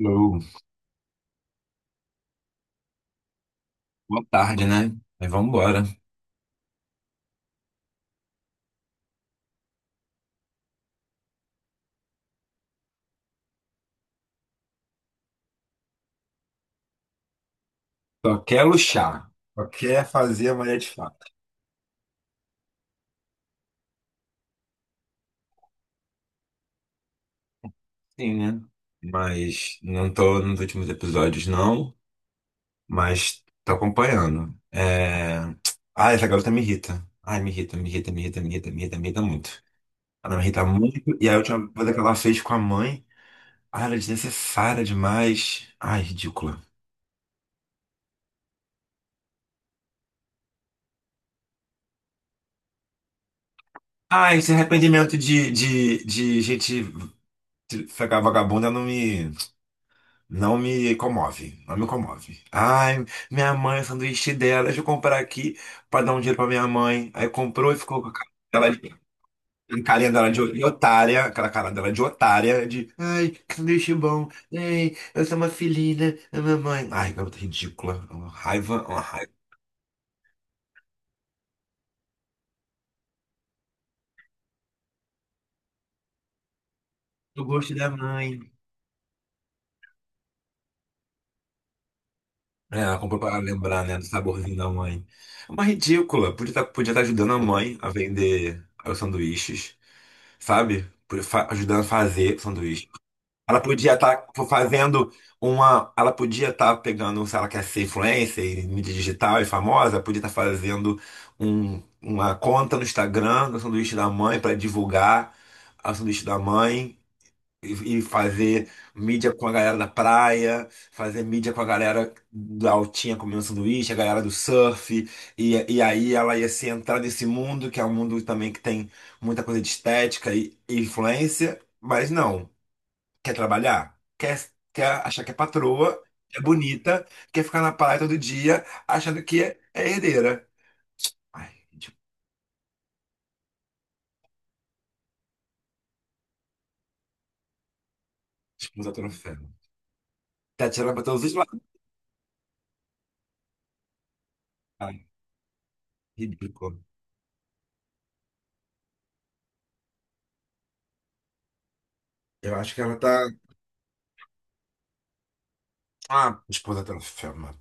Show. Boa tarde, né? Mas vamos embora. Só quer luxar. Só quer fazer a mulher de fato. Sim, né? Mas não tô nos últimos episódios, não. Mas tô acompanhando. Ah, essa garota me irrita. Ai, me irrita, me irrita, me irrita, me irrita, me irrita, me irrita muito. Ela me irrita muito. E a última coisa que ela fez com a mãe. Ah, ela é desnecessária demais. Ai, ridícula. Ah, esse arrependimento de gente ficar vagabunda não me. Não me comove, não me comove. Ai, minha mãe, o sanduíche dela, deixa eu comprar aqui pra dar um dinheiro pra minha mãe. Aí comprou e ficou com a cara dela de, a carinha dela de otária, aquela cara dela de otária, de ai, que sanduíche bom, ei, eu sou uma filhinha da minha mãe. Ai, garota ridícula, uma raiva do gosto da mãe. É, ela comprou para lembrar, né, do saborzinho da mãe. É uma ridícula. Podia tá ajudando a mãe a vender os sanduíches, sabe? Ajudando a fazer sanduíche. Ela podia estar fazendo uma. Ela podia estar pegando, se ela quer ser influencer em mídia digital e famosa, podia estar fazendo uma conta no Instagram do sanduíche da mãe para divulgar o sanduíche da mãe e fazer mídia com a galera da praia, fazer mídia com a galera da altinha comendo sanduíche, a galera do surf, e aí ela ia se entrar nesse mundo, que é um mundo também que tem muita coisa de estética e influência, mas não, quer trabalhar, quer, quer achar que é patroa, é bonita, quer ficar na praia todo dia, achando que é, é herdeira. Ai, tipo, disputa troféu. Tá tirando pra todos os lados. Ai, ridículo. Eu acho que ela tá. Ah, esposa troféu, mano.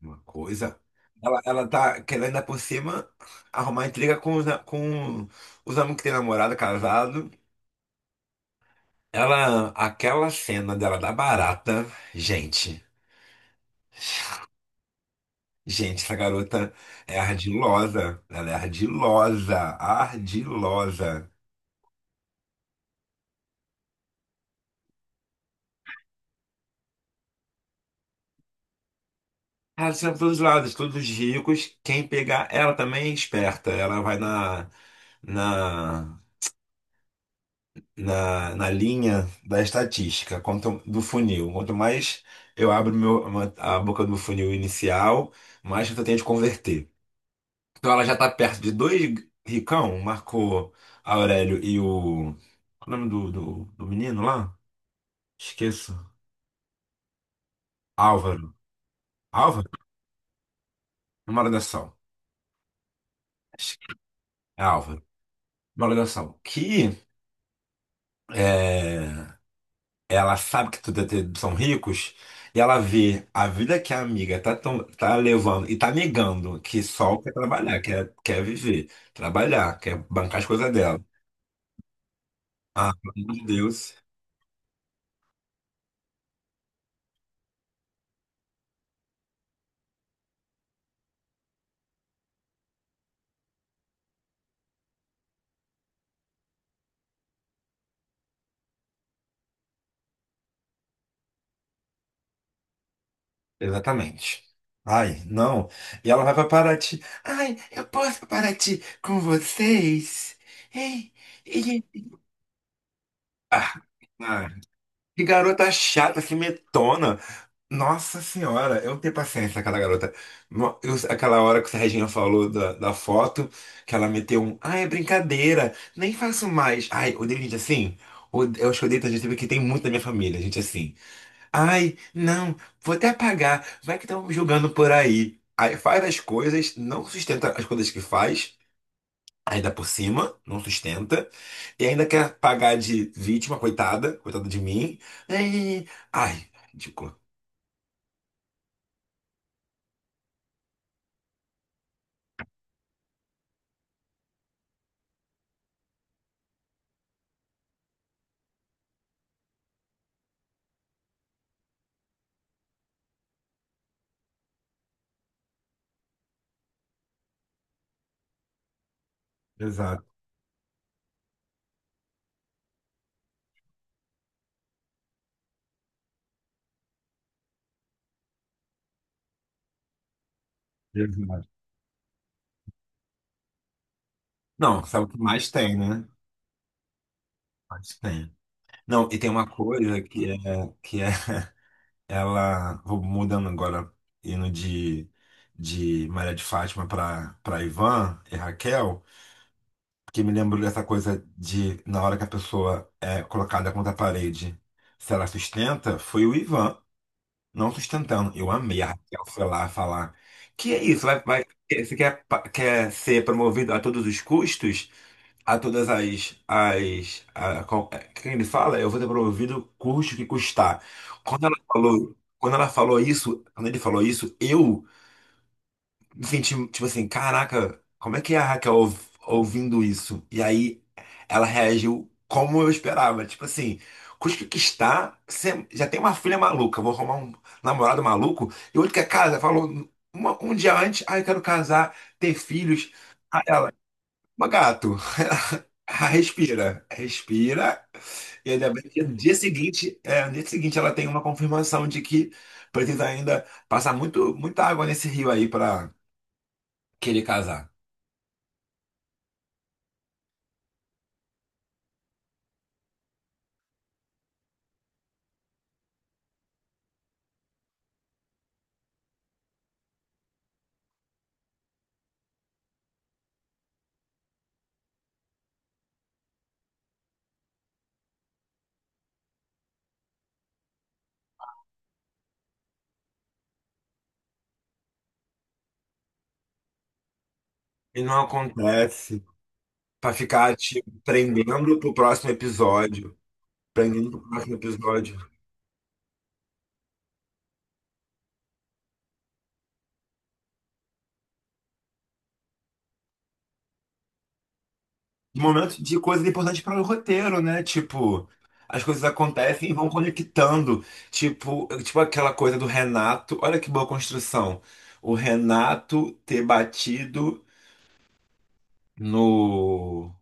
Uma coisa. Ela tá querendo ainda por cima arrumar intriga com os amigos que tem namorada, casado. Ela, aquela cena dela da barata, gente. Gente, essa garota é ardilosa. Ela é ardilosa, ardilosa. Ela tira pra todos os lados, todos os ricos. Quem pegar ela também é esperta. Ela vai na na linha da estatística, quanto do funil. Quanto mais eu abro meu, a boca do funil inicial, mais eu tenho de converter. Então ela já está perto de dois ricão, marcou Aurélio e o. Qual é o nome do menino lá? Esqueço. Álvaro. Álvaro? Uma hora é Álvaro. Uma hora que é, ela sabe que são ricos e ela vê a vida que a amiga tá levando e tá negando que só quer trabalhar, quer, quer viver, trabalhar, quer bancar as coisas dela. Ah, pelo amor de Deus. Exatamente. Ai, não. E ela vai pra Paraty. Ai, eu posso pra Paraty com vocês? Ei, e... ah, ah, que garota chata, que metona. Nossa senhora, eu não tenho paciência com aquela garota. Aquela hora que a Reginha falou da foto, que ela meteu um, ah, é brincadeira, nem faço mais. Ai, odeio gente assim. Eu acho que odeio tanta gente porque tem muito na minha família, gente assim. Ai, não, vou até apagar, vai que estão me julgando por aí. Aí faz as coisas, não sustenta as coisas que faz, ainda por cima, não sustenta, e ainda quer pagar de vítima, coitada, coitada de mim. Ai, ai, ridícula. Exato. Não, sabe o que mais tem, né? Mais tem. Não, e tem uma coisa que é ela vou mudando agora indo de Maria de Fátima para Ivan e Raquel, que me lembrou dessa coisa de na hora que a pessoa é colocada contra a parede, se ela sustenta, foi o Ivan não sustentando. Eu amei a Raquel foi lá falar. Que é isso? Vai, vai, você quer, quer ser promovido a todos os custos? A todas é, quem ele fala, eu vou ter promovido custe o que custar. Quando ela falou isso, quando ele falou isso, eu me senti tipo assim, caraca, como é que é a Raquel ouvindo isso? E aí ela reagiu como eu esperava, tipo assim, custe o que custar, você já tem uma filha maluca, vou arrumar um namorado maluco, e outro quer casa, falou um dia antes, ah, eu quero casar, ter filhos. Mas, gato, respira, respira. E ainda bem que no dia seguinte, é, no dia seguinte ela tem uma confirmação de que precisa ainda passar muito, muita água nesse rio aí para querer casar. E não acontece. Para ficar te prendendo pro próximo episódio. Prendendo pro próximo episódio. De momentos de coisas importantes para o roteiro, né? Tipo, as coisas acontecem e vão conectando. Tipo, tipo aquela coisa do Renato. Olha que boa construção. O Renato ter batido no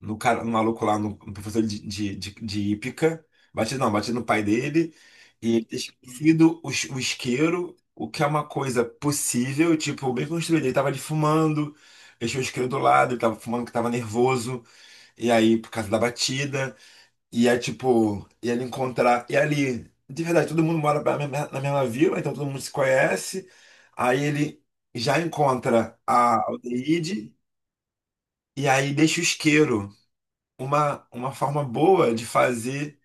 no cara, no maluco lá, no professor de hípica. Batido não, batido no pai dele. E ele ter esquecido o isqueiro, o que é uma coisa possível, tipo, bem construída. Ele tava ali fumando, deixou o isqueiro do lado, ele tava fumando que tava nervoso. E aí, por causa da batida, e é tipo, e ele encontrar. E ali, de verdade, todo mundo mora na mesma vila, então todo mundo se conhece. Aí ele já encontra a aldeíde, e aí deixa o isqueiro. Uma forma boa de fazer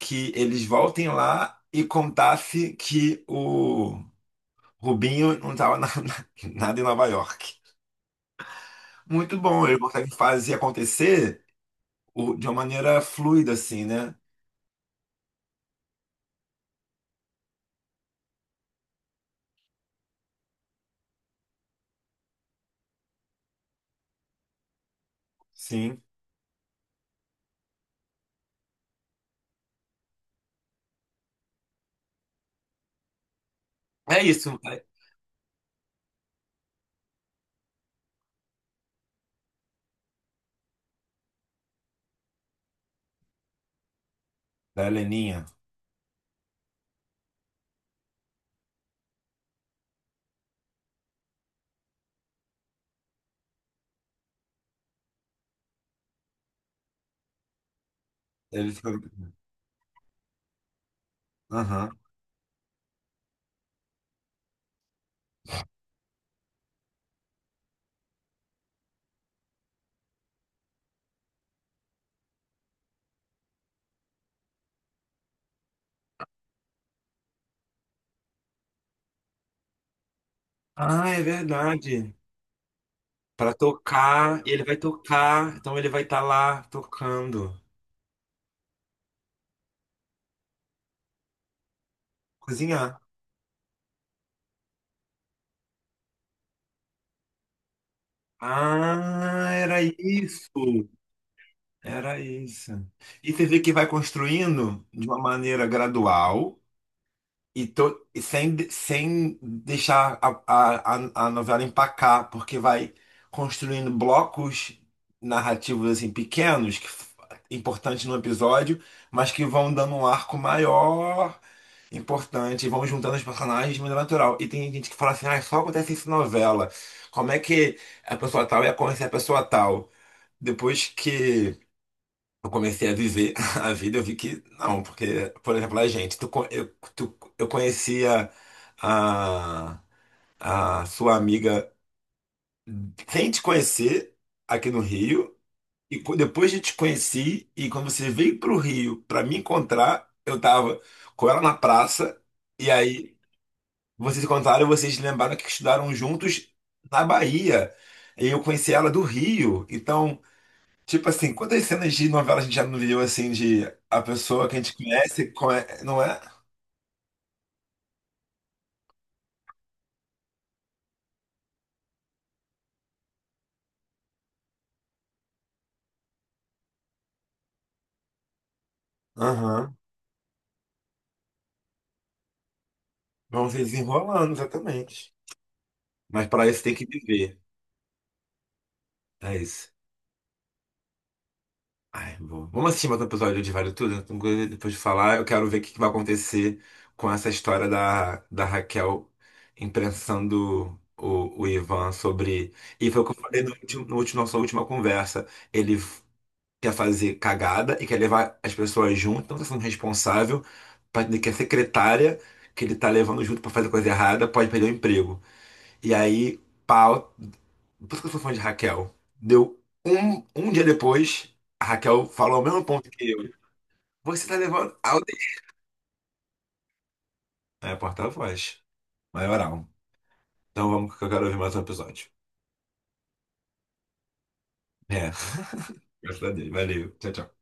que eles voltem lá e contasse que o Rubinho não estava nada em Nova York. Muito bom, ele consegue fazer acontecer de uma maneira fluida, assim, né? Sim. É isso. É da Heleninha. Ele... Aham. Ah, é verdade. Pra tocar, e ele vai tocar, então ele vai estar lá tocando. Cozinhar. Ah, era isso. Era isso. E você vê que vai construindo de uma maneira gradual. E, e sem, sem deixar a novela empacar, porque vai construindo blocos narrativos assim pequenos, importantes no episódio, mas que vão dando um arco maior, importante, e vão juntando os personagens de maneira natural. E tem gente que fala assim, ah, só acontece isso em novela. Como é que a pessoa tal ia conhecer a pessoa tal? Depois que eu comecei a viver a vida, eu vi que não, porque, por exemplo, a gente, tu, co- eu, tu, eu conhecia a, a sua amiga sem te conhecer aqui no Rio, e depois eu te conheci, e quando você veio pro Rio para me encontrar, eu tava com ela na praça, e aí vocês se encontraram, vocês lembraram que estudaram juntos na Bahia, e eu conheci ela do Rio, então. Tipo assim, quantas cenas de novela a gente já não viu assim de a pessoa que a gente conhece, não é? Aham. Vão se desenrolando, exatamente. Mas para isso tem que viver. É isso. Ai, vamos assistir mais um episódio de Vale Tudo? Então, depois de falar, eu quero ver o que que vai acontecer com essa história da Raquel imprensando o Ivan sobre. E foi o que eu falei no último, nossa última conversa. Ele quer fazer cagada e quer levar as pessoas junto, então tá sendo responsável, que a secretária que ele tá levando junto pra fazer coisa errada pode perder o emprego. E aí, pau, por isso que eu sou fã de Raquel. Deu um dia depois, a Raquel falou o mesmo ponto que eu. Você tá levando ao. É, porta-voz, maioral. Então vamos que eu quero ouvir mais um episódio. É, graças a Deus. Valeu. Tchau, tchau.